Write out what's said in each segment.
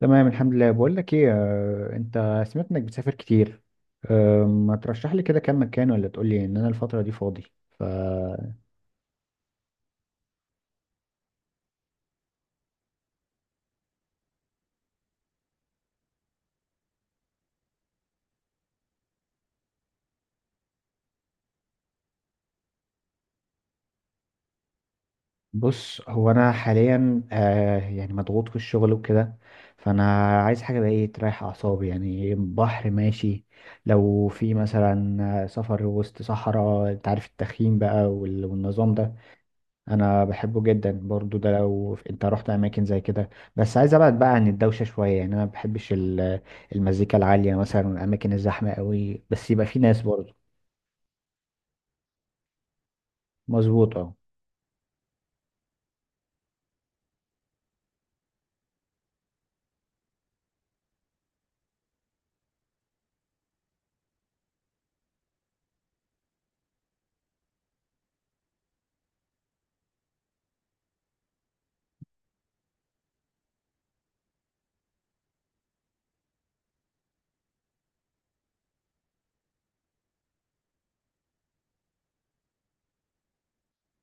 تمام، الحمد لله. بقول لك ايه، انت سمعت انك بتسافر كتير. ما ترشح لي كده كام مكان؟ ولا تقول لي ان انا الفترة دي فاضي. فبص. هو انا حاليا يعني مضغوط في الشغل وكده. فانا عايز حاجة بقى ايه تريح اعصابي، يعني بحر ماشي. لو في مثلا سفر وسط صحراء، انت عارف التخييم بقى والنظام ده انا بحبه جدا برضو، ده لو انت رحت اماكن زي كده. بس عايز ابعد بقى عن الدوشه شويه، يعني انا ما بحبش المزيكا العاليه مثلا والاماكن الزحمه قوي، بس يبقى في ناس برضو. مظبوط، اه.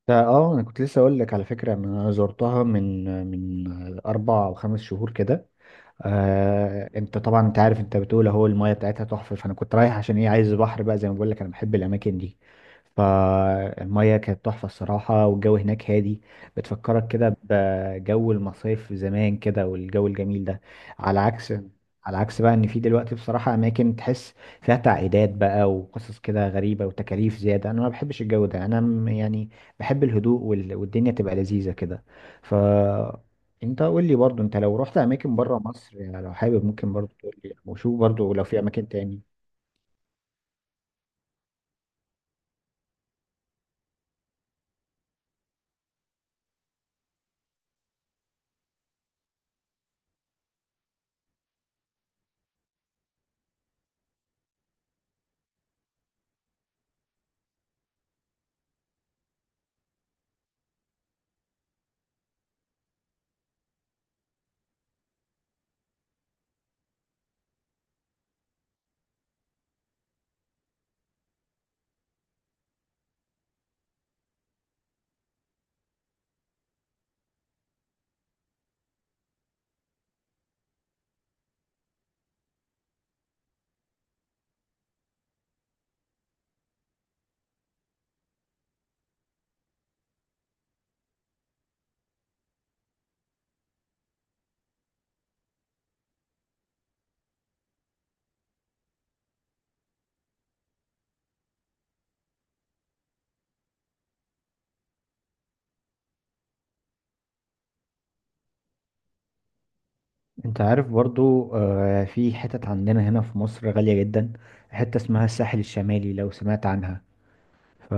اه، انا كنت لسه اقول لك على فكره إن انا زرتها من 4 او 5 شهور كده. انت طبعا، انت عارف، انت بتقول اهو المايه بتاعتها تحفه. فانا كنت رايح عشان ايه، عايز بحر بقى زي ما بقول لك، انا بحب الاماكن دي. فالمايه كانت تحفه الصراحه، والجو هناك هادي، بتفكرك كده بجو المصايف زمان كده والجو الجميل ده. على عكس على عكس بقى، ان في دلوقتي بصراحه اماكن تحس فيها تعقيدات بقى وقصص كده غريبه وتكاليف زياده. انا ما بحبش الجو ده، انا يعني بحب الهدوء والدنيا تبقى لذيذه كده. ف انت قول لي برضو، انت لو رحت اماكن بره مصر، يعني لو حابب ممكن برضو تقول لي، وشوف برضو لو في اماكن تاني. انت عارف برضو، في حتت عندنا هنا في مصر غالية جدا، حتة اسمها الساحل الشمالي، لو سمعت عنها. ف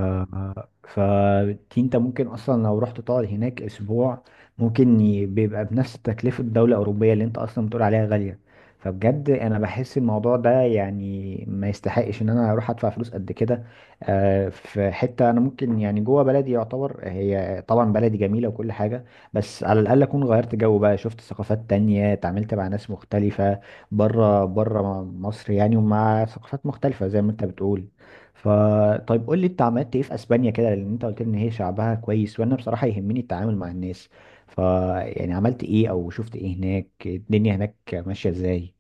فدي انت ممكن اصلا لو رحت تقعد هناك اسبوع، ممكن بيبقى بنفس تكلفة دولة اوروبية اللي انت اصلا بتقول عليها غالية. فبجد انا بحس الموضوع ده يعني ما يستحقش ان انا اروح ادفع فلوس قد كده. في حتة انا ممكن يعني جوه بلدي يعتبر، هي طبعا بلدي جميلة وكل حاجة، بس على الاقل اكون غيرت جو بقى، شفت ثقافات تانية، اتعاملت مع ناس مختلفة بره، بره مصر يعني، ومع ثقافات مختلفة زي ما انت بتقول. فطيب، قول لي انت عملت ايه في اسبانيا كده، لان انت قلت لي ان هي شعبها كويس، وانا بصراحة يهمني التعامل مع الناس. ف يعني عملت ايه او شفت ايه هناك، الدنيا هناك ماشية ازاي؟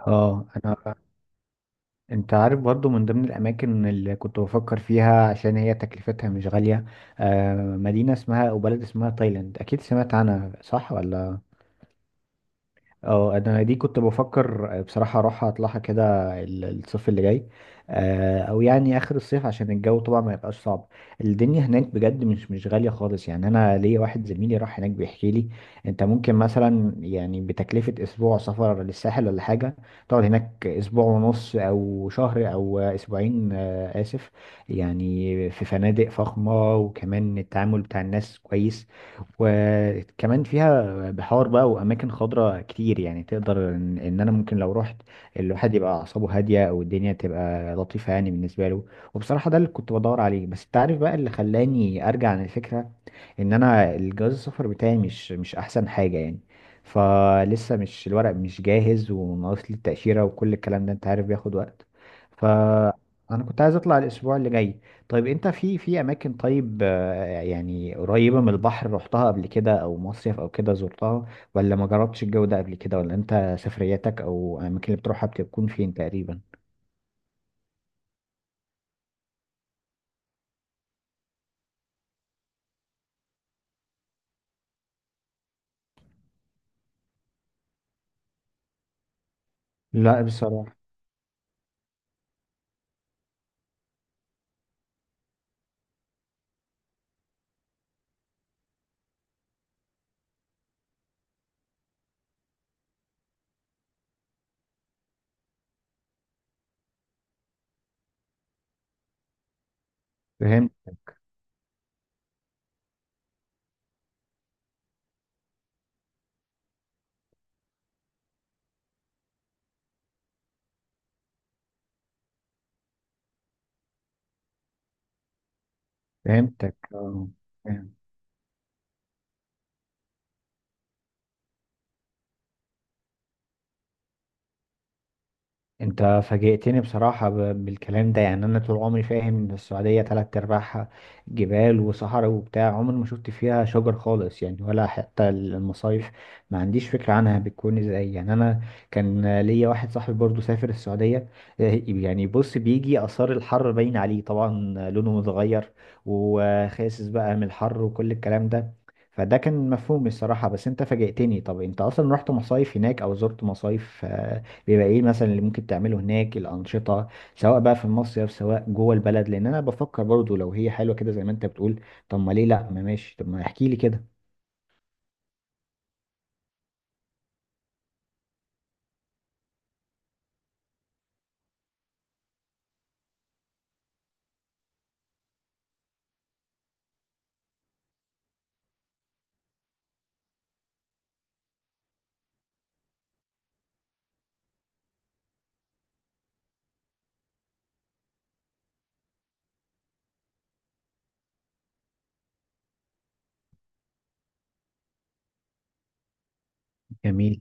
اه، انت عارف برضو، من ضمن الاماكن اللي كنت بفكر فيها عشان هي تكلفتها مش غالية، مدينة اسمها او بلد اسمها تايلاند، اكيد سمعت عنها صح ولا؟ اه، انا دي كنت بفكر بصراحه اروح اطلعها كده الصيف اللي جاي، او يعني اخر الصيف عشان الجو طبعا ما يبقاش صعب. الدنيا هناك بجد مش غاليه خالص، يعني انا ليا واحد زميلي راح هناك بيحكي لي، انت ممكن مثلا يعني بتكلفه اسبوع سفر للساحل ولا حاجه تقعد هناك اسبوع ونص او شهر او اسبوعين، اسف. يعني في فنادق فخمه، وكمان التعامل بتاع الناس كويس، وكمان فيها بحار بقى واماكن خضراء كتير، يعني تقدر ان انا ممكن لو رحت الواحد يبقى اعصابه هاديه او الدنيا تبقى لطيفه يعني بالنسبه له. وبصراحه ده اللي كنت بدور عليه، بس انت عارف بقى اللي خلاني ارجع عن الفكره، ان انا الجواز السفر بتاعي مش احسن حاجه يعني، فلسه مش الورق مش جاهز، وناقص لي التاشيره وكل الكلام ده، انت عارف بياخد وقت. ف انا كنت عايز اطلع الاسبوع اللي جاي. طيب انت، في اماكن طيب يعني قريبة من البحر، رحتها قبل كده او مصيف او كده زرتها؟ ولا ما جربتش الجو ده قبل كده؟ ولا انت سفرياتك او الاماكن اللي بتروحها بتكون فين تقريبا؟ لا بصراحة. فهمت. فهمتك، اه. انت فاجئتني بصراحة بالكلام ده، يعني انا طول عمري فاهم ان السعودية تلات ارباعها جبال وصحراء وبتاع، عمري ما شفت فيها شجر خالص يعني، ولا حتى المصايف ما عنديش فكرة عنها بتكون ازاي. يعني انا كان ليا واحد صاحبي برضو سافر السعودية، اه، يعني بص، بيجي اثار الحر باين عليه طبعا، لونه متغير، وخاسس بقى من الحر وكل الكلام ده. فده كان مفهوم الصراحة، بس انت فاجئتني. طب انت اصلا رحت مصايف هناك او زرت مصايف؟ بيبقى ايه مثلا اللي ممكن تعمله هناك، الانشطه سواء بقى في المصيف سواء جوه البلد؟ لان انا بفكر برضو لو هي حلوه كده زي ما انت بتقول، طب ما ليه لا، ما ماشي، طب ما احكي لي كده. جميل.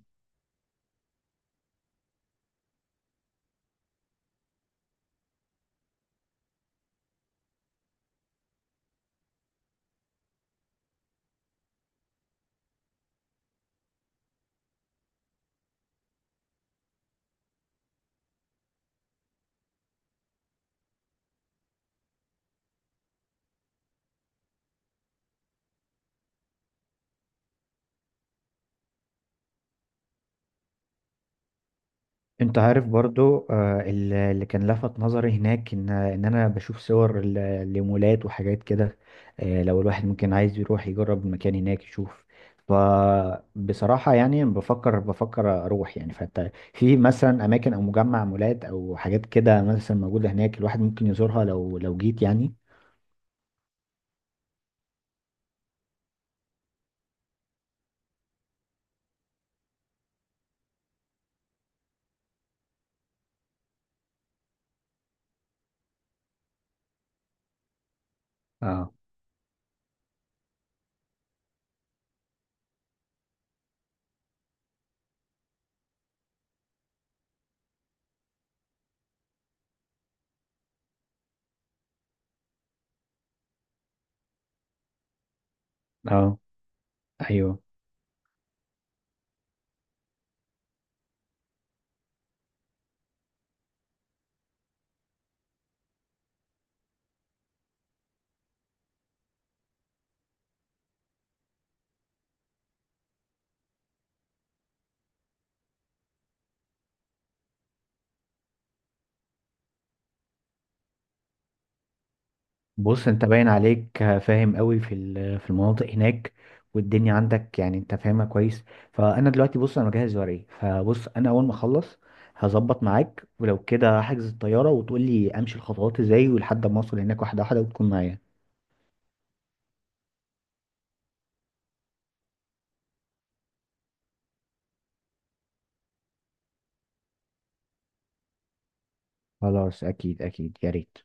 انت عارف برضو، اللي كان لفت نظري هناك، ان انا بشوف صور لمولات وحاجات كده. لو الواحد ممكن عايز يروح يجرب المكان هناك يشوف. فبصراحة يعني بفكر اروح، يعني فانت في مثلا اماكن او مجمع مولات او حاجات كده مثلا موجودة هناك، الواحد ممكن يزورها لو جيت يعني. اه، اه، ايوه. بص، انت باين عليك فاهم قوي في المناطق هناك والدنيا عندك، يعني انت فاهمها كويس. فانا دلوقتي، بص، انا مجهز ورقي. فبص، انا اول ما اخلص هظبط معاك، ولو كده هحجز الطياره، وتقول لي امشي الخطوات ازاي، ولحد ما اوصل هناك واحده واحده وتكون معايا. خلاص، اكيد اكيد، يا ريت.